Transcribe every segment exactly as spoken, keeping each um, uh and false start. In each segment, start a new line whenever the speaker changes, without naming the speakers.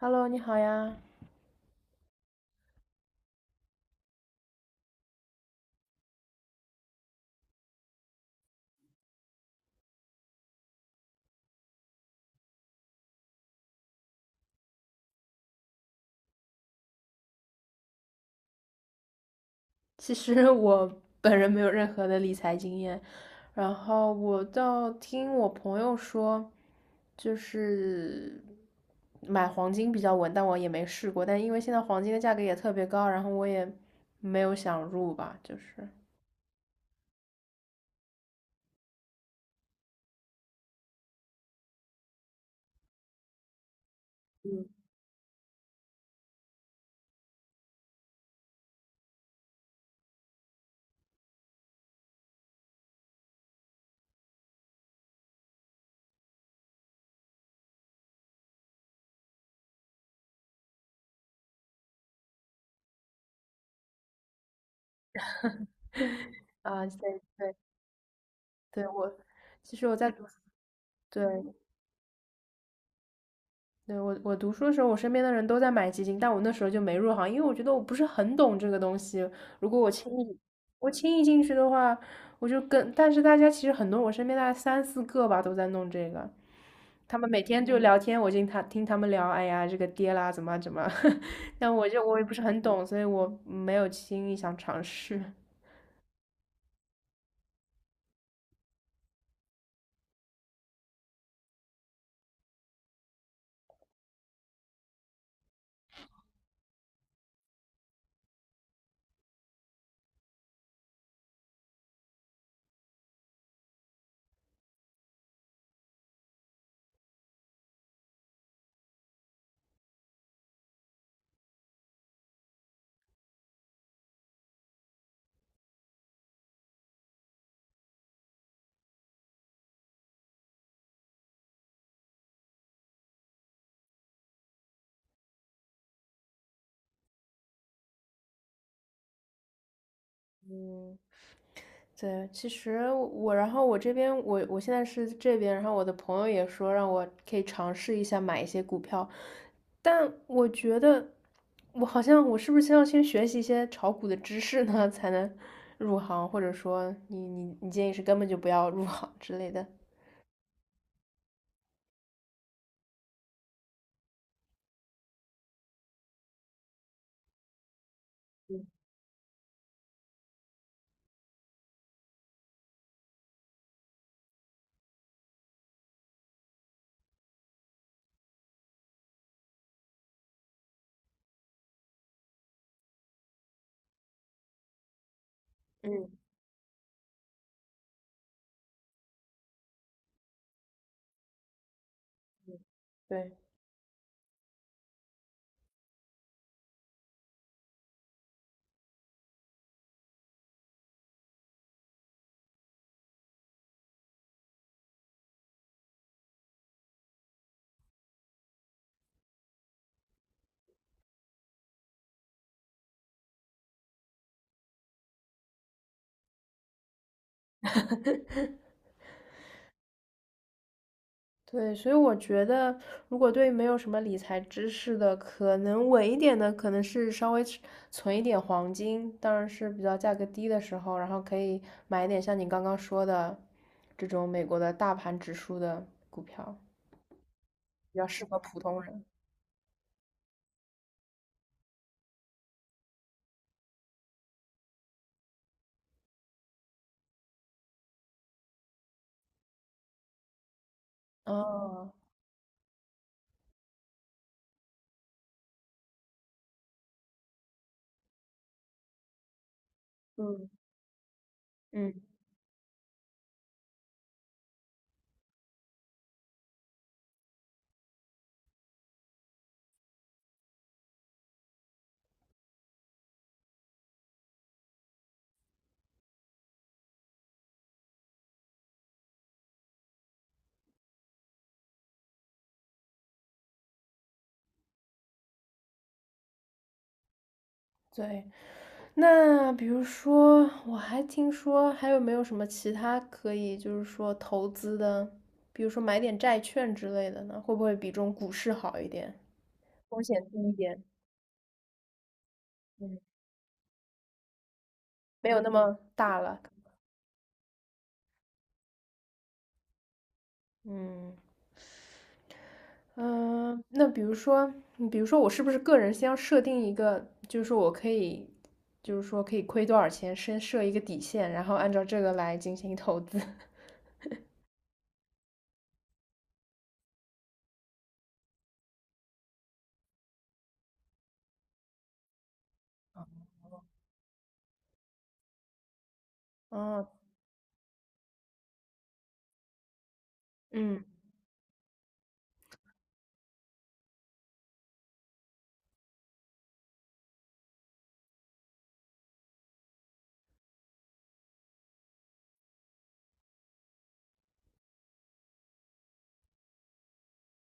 Hello,你好呀。其实我本人没有任何的理财经验，然后我倒听我朋友说，就是买黄金比较稳，但我也没试过。但因为现在黄金的价格也特别高，然后我也没有想入吧，就是啊，对，对我其实我在读，对，对，我我读书的时候，我身边的人都在买基金，但我那时候就没入行，因为我觉得我不是很懂这个东西。如果我轻易我轻易进去的话，我就跟，但是大家其实很多，我身边大概三四个吧都在弄这个，他们每天就聊天，我听他听他们聊，哎呀，这个跌啦，怎么啊怎么啊，但我就我也不是很懂，所以我没有轻易想尝试。对，其实我，然后我这边，我我现在是这边，然后我的朋友也说让我可以尝试一下买一些股票，但我觉得我好像我是不是先要先学习一些炒股的知识呢，才能入行，或者说你你你建议是根本就不要入行之类的。嗯。对。对，所以我觉得，如果对没有什么理财知识的，可能稳一点的，可能是稍微存存一点黄金，当然是比较价格低的时候，然后可以买一点像你刚刚说的这种美国的大盘指数的股票，比较适合普通人。哦，嗯嗯。对，那比如说，我还听说还有没有什么其他可以，就是说投资的，比如说买点债券之类的呢？会不会比这种股市好一点，风险低一点？嗯，没有那么大了。嗯嗯、呃那比如说，嗯比如说我是不是个人先要设定一个，就是说我可以，就是说可以亏多少钱，先设一个底线，然后按照这个来进行投资。哦，嗯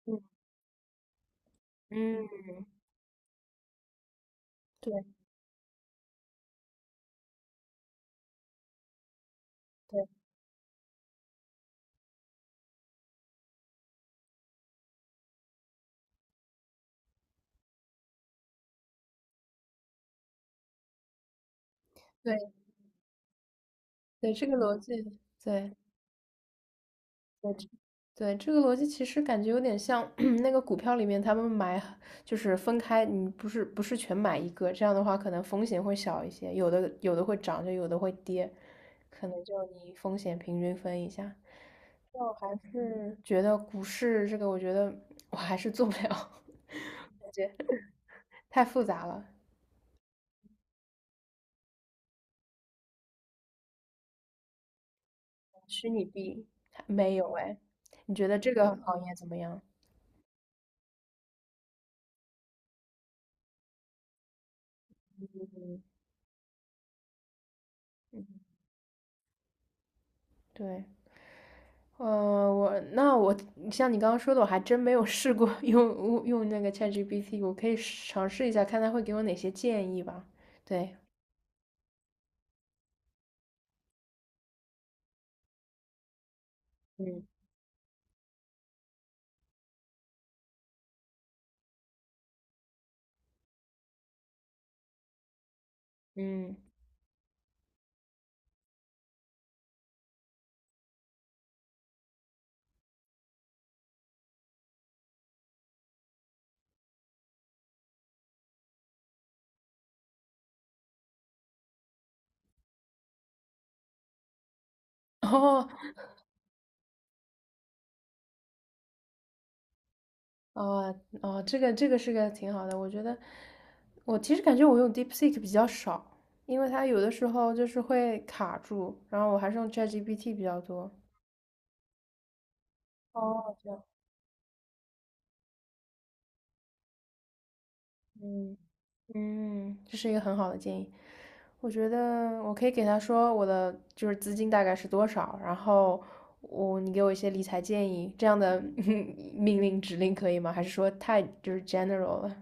嗯嗯，对。对对对，这个逻辑，对对这对，这个逻辑其实感觉有点像 那个股票里面他们买，就是分开，你不是不是全买一个，这样的话可能风险会小一些，有的有的会涨，就有的会跌，可能就你风险平均分一下。但我还是觉得股市这个，我觉得我还是做不了，感觉太复杂了 虚拟币没有哎，你觉得这个行业怎么样？嗯，对。呃，我那我像你刚刚说的，我还真没有试过 用用那个 ChatGPT,我可以尝试一下，看它会给我哪些建议吧。对，嗯嗯，哦哦哦，这个这个是个挺好的，我觉得我其实感觉我用 DeepSeek 比较少，因为它有的时候就是会卡住，然后我还是用 ChatGPT 比较多。哦，这样，嗯。嗯，这是一个很好的建议。我觉得我可以给他说我的就是资金大概是多少，然后我你给我一些理财建议，这样的 命令指令可以吗？还是说太就是 general 了？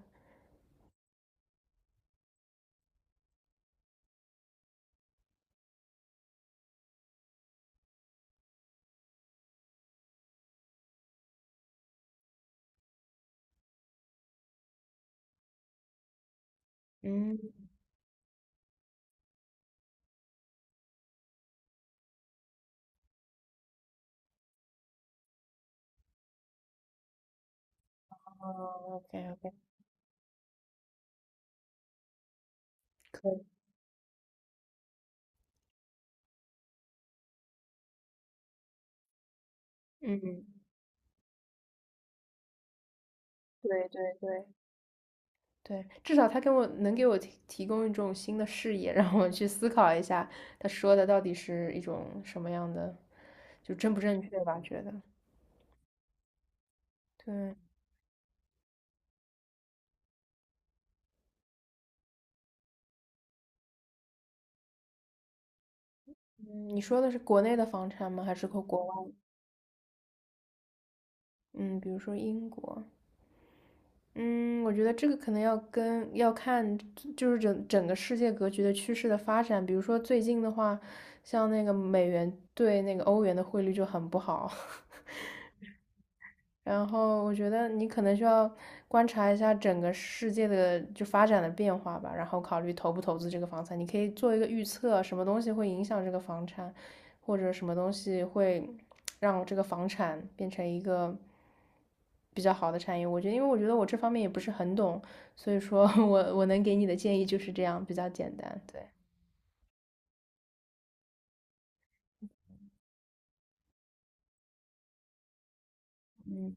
嗯，哦，OK OK,可以。嗯，对对对对，至少他给我能给我提提供一种新的视野，让我去思考一下他说的到底是一种什么样的，就正不正确吧？觉得对。嗯，你说的是国内的房产吗？还是和国外？嗯，比如说英国。嗯，我觉得这个可能要跟要看，就是整整个世界格局的趋势的发展。比如说最近的话，像那个美元对那个欧元的汇率就很不好。然后我觉得你可能需要观察一下整个世界的就发展的变化吧，然后考虑投不投资这个房产。你可以做一个预测，什么东西会影响这个房产，或者什么东西会让这个房产变成一个比较好的产业。我觉得，因为我觉得我这方面也不是很懂，所以说 我我能给你的建议就是这样，比较简单。对，嗯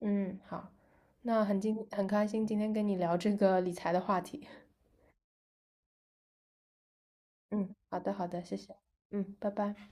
嗯，好，那很今很开心今天跟你聊这个理财的话题。嗯，好的，好的，谢谢。嗯，拜拜。